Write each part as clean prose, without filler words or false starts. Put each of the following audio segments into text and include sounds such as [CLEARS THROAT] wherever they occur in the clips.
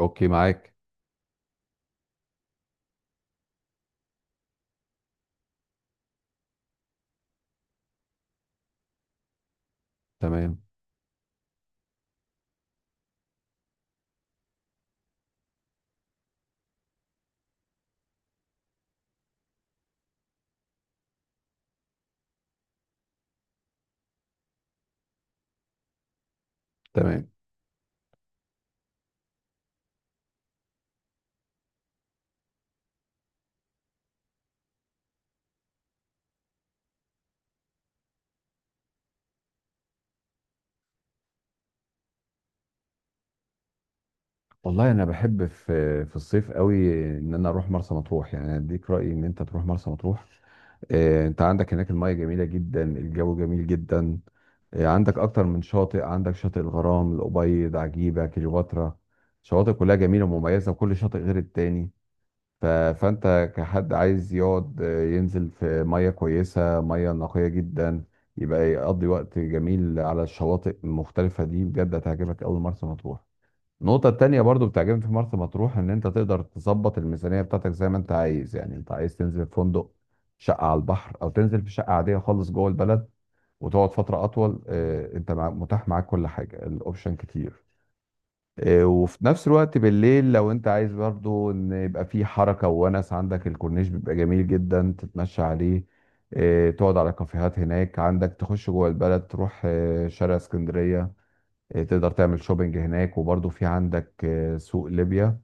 اوكي معاك. تمام. تمام والله انا بحب في الصيف قوي ان انا اروح مرسى مطروح، يعني أنا اديك رايي ان انت تروح مرسى مطروح. انت عندك هناك المياه جميله جدا، الجو جميل جدا. عندك اكتر من شاطئ، عندك شاطئ الغرام، الابيض، عجيبه، كليوباترا، شواطئ كلها جميله ومميزه وكل شاطئ غير التاني. فانت كحد عايز يقعد ينزل في ميه كويسه، ميه نقيه جدا، يبقى يقضي وقت جميل على الشواطئ المختلفه دي. بجد هتعجبك قوي مرسى مطروح. النقطه التانية برضو بتعجبني في مرسى مطروح ان انت تقدر تظبط الميزانيه بتاعتك زي ما انت عايز، يعني انت عايز تنزل في فندق شقه على البحر او تنزل في شقه عاديه خالص جوه البلد وتقعد فتره اطول، انت متاح معاك كل حاجه، الاوبشن كتير. وفي نفس الوقت بالليل لو انت عايز برضو ان يبقى في حركة وونس، عندك الكورنيش بيبقى جميل جدا تتمشى عليه، تقعد على كافيهات هناك، عندك تخش جوه البلد تروح شارع اسكندرية، تقدر تعمل شوبينج هناك، وبرضو في عندك سوق ليبيا،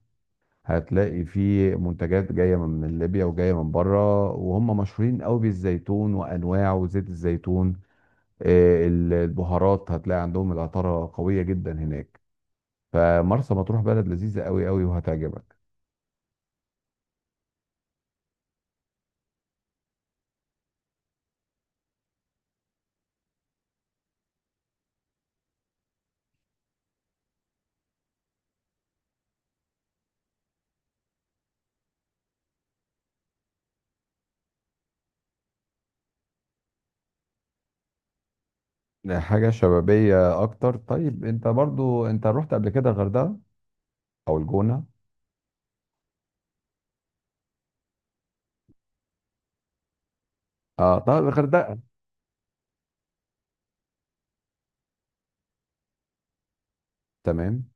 هتلاقي فيه منتجات جاية من ليبيا وجاية من بره، وهم مشهورين قوي بالزيتون وأنواعه وزيت الزيتون، البهارات، هتلاقي عندهم العطارة قوية جدا هناك. فمرسى مطروح بلد لذيذة قوي قوي وهتعجبك. حاجة شبابية أكتر؟ طيب أنت برضو أنت رحت قبل كده الغردقة أو الجونة؟ أه، طيب الغردقة. تمام.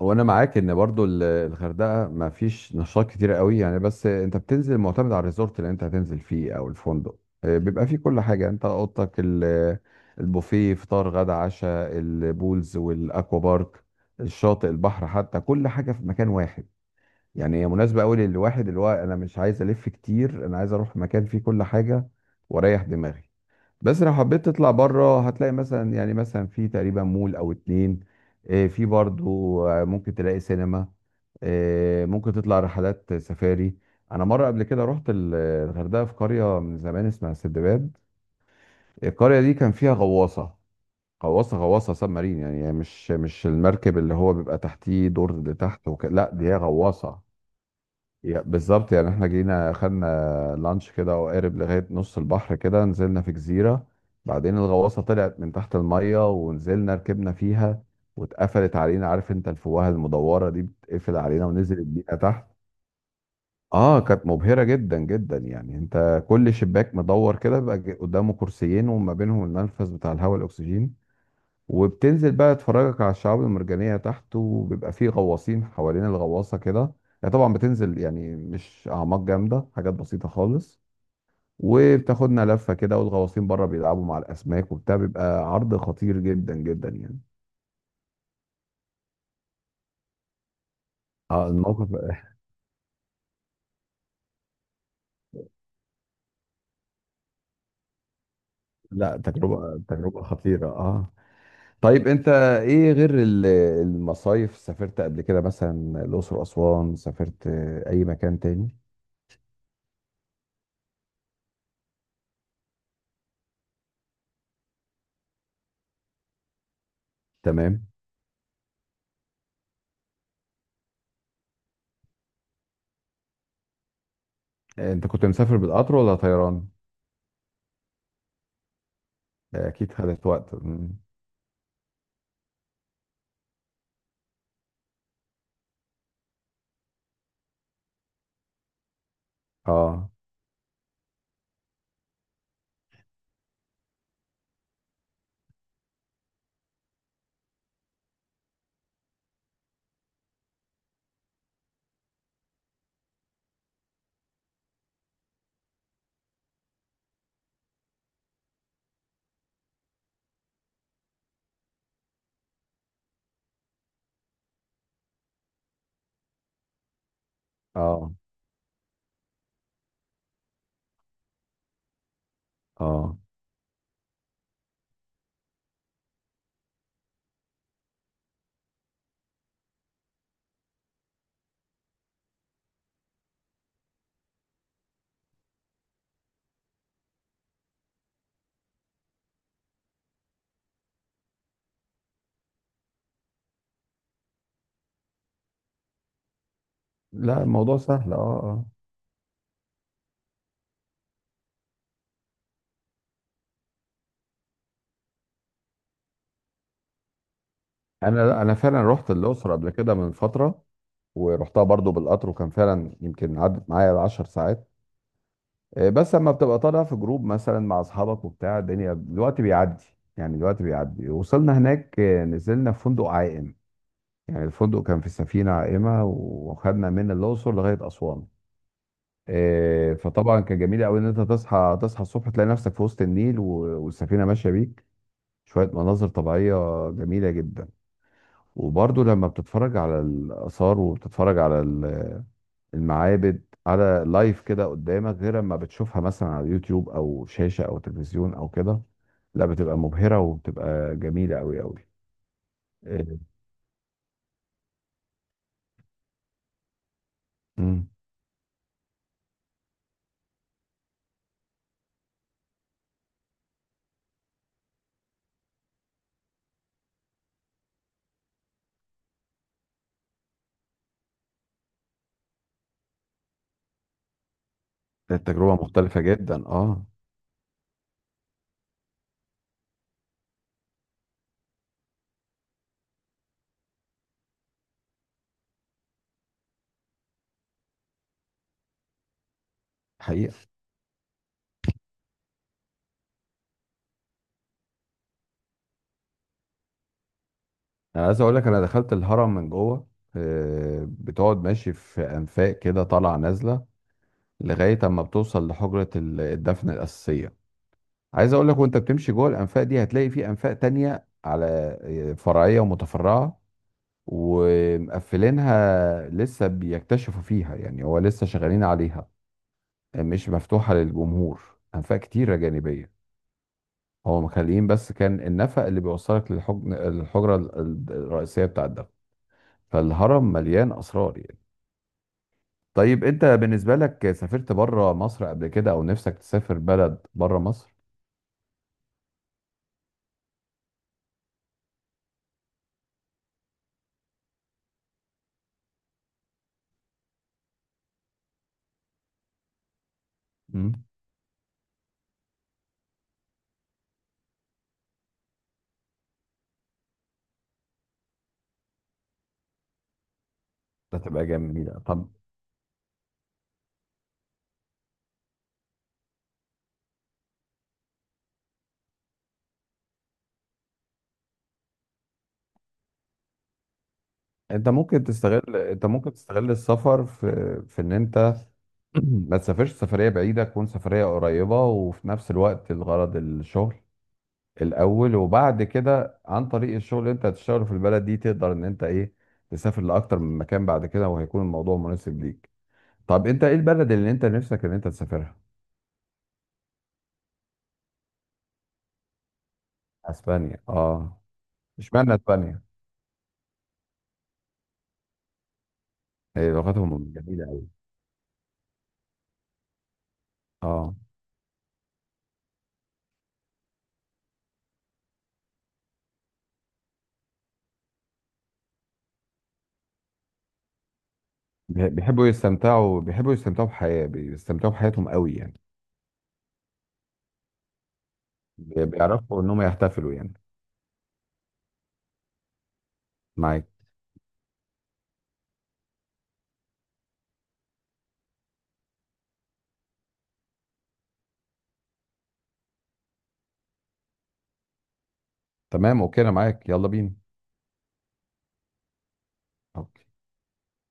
وأنا معاك إن برضو الغردقة ما فيش نشاط كتير قوي يعني، بس أنت بتنزل معتمد على الريزورت اللي أنت هتنزل فيه أو الفندق، بيبقى فيه كل حاجة، أنت أوضتك البوفيه، فطار غدا عشاء، البولز والأكوا بارك، الشاطئ، البحر، حتى كل حاجة في مكان واحد. يعني هي مناسبة أوي للواحد اللي هو أنا مش عايز ألف كتير، أنا عايز أروح مكان فيه كل حاجة وأريح دماغي. بس لو حبيت تطلع بره هتلاقي مثلا، يعني مثلا في تقريبا مول أو اتنين، في برضو، ممكن تلاقي سينما، ممكن تطلع رحلات سفاري. أنا مرة قبل كده رحت الغردقة في قرية من زمان اسمها سندباد، القرية دي كان فيها غواصة، غواصة، سب مارين، يعني مش المركب اللي هو بيبقى تحتيه دور لتحت وك... لا، دي هي غواصة. بالظبط، يعني احنا جينا خدنا لانش كده وقارب لغاية نص البحر كده، نزلنا في جزيرة، بعدين الغواصة طلعت من تحت المية ونزلنا ركبنا فيها، واتقفلت علينا، عارف انت الفوهة المدورة دي بتقفل علينا ونزلت بينا تحت. اه، كانت مبهرة جدا جدا، يعني انت كل شباك مدور كده بيبقى قدامه كرسيين، وما بينهم المنفذ بتاع الهواء الاكسجين، وبتنزل بقى تفرجك على الشعاب المرجانية تحت، وبيبقى فيه غواصين حوالين الغواصة كده. يعني طبعا بتنزل، يعني مش أعماق جامدة، حاجات بسيطة خالص، وبتاخدنا لفة كده والغواصين بره بيلعبوا مع الأسماك وبتاع، بيبقى عرض خطير جدا جدا يعني. اه، الموقف [LAUGHS] لا، تجربة، تجربة خطيرة اه. طيب انت ايه غير المصايف؟ سافرت قبل كده مثلا الأقصر، أسوان، سافرت أي مكان تاني؟ تمام. انت كنت مسافر بالقطر ولا طيران؟ اكيد خدت وقت. مم. اه. اه. اه. لا، الموضوع سهل اه اه. انا انا فعلا رحت الاقصر قبل كده من فتره، ورحتها برضو بالقطر، وكان فعلا يمكن عدت معايا 10 ساعات، بس لما بتبقى طالع في جروب مثلا مع اصحابك وبتاع، الدنيا الوقت بيعدي، يعني الوقت بيعدي. وصلنا هناك، نزلنا في فندق عائم، يعني الفندق كان في سفينه عائمه، وخدنا من الاقصر لغايه اسوان. فطبعا كان جميل قوي ان انت تصحى، تصحى الصبح تلاقي نفسك في وسط النيل، والسفينه ماشيه بيك، شويه مناظر طبيعيه جميله جدا. وبرضه لما بتتفرج على الاثار، وبتتفرج على المعابد على لايف كده قدامك، غير لما بتشوفها مثلا على يوتيوب او شاشه او تلفزيون او كده، لا، بتبقى مبهره وبتبقى جميله قوي قوي. آه، مم. التجربه مختلفه جدا اه. حقيقه. انا عايز اقول لك انا دخلت الهرم من جوه، بتقعد ماشي في انفاق كده طالعه نازله لغايه اما بتوصل لحجره الدفن الاساسيه. عايز اقول لك وانت بتمشي جوه الانفاق دي هتلاقي في انفاق تانية على فرعيه ومتفرعه، ومقفلينها لسه، بيكتشفوا فيها يعني، هو لسه شغالين عليها، مش مفتوحه للجمهور، انفاق كتيره جانبيه، هو مخليين بس كان النفق اللي بيوصلك الحجره الرئيسيه بتاع الدفن. فالهرم مليان اسرار يعني. طيب انت بالنسبة لك سافرت بره مصر قبل كده، او نفسك تسافر بلد بره مصر؟ امم. ده تبقى جميلة. طب انت ممكن تستغل، انت ممكن تستغل السفر في ان انت [CLEARS THROAT] ما تسافرش سفرية بعيدة، تكون سفرية قريبة وفي نفس الوقت الغرض الشغل الأول، وبعد كده عن طريق الشغل اللي أنت هتشتغله في البلد دي تقدر إن أنت إيه، تسافر لأكتر من مكان بعد كده، وهيكون الموضوع مناسب ليك. طب أنت إيه البلد اللي أنت نفسك إن أنت تسافرها؟ أسبانيا، آه. إشمعنى أسبانيا؟ لغتهم جميلة أوي. اه. بيحبوا يستمتعوا، بيحبوا يستمتعوا بحياة بيستمتعوا بحياتهم أوي يعني. بيعرفوا إنهم يحتفلوا يعني. معاك. تمام أوكي، أنا معاك يلا بينا. أوكي.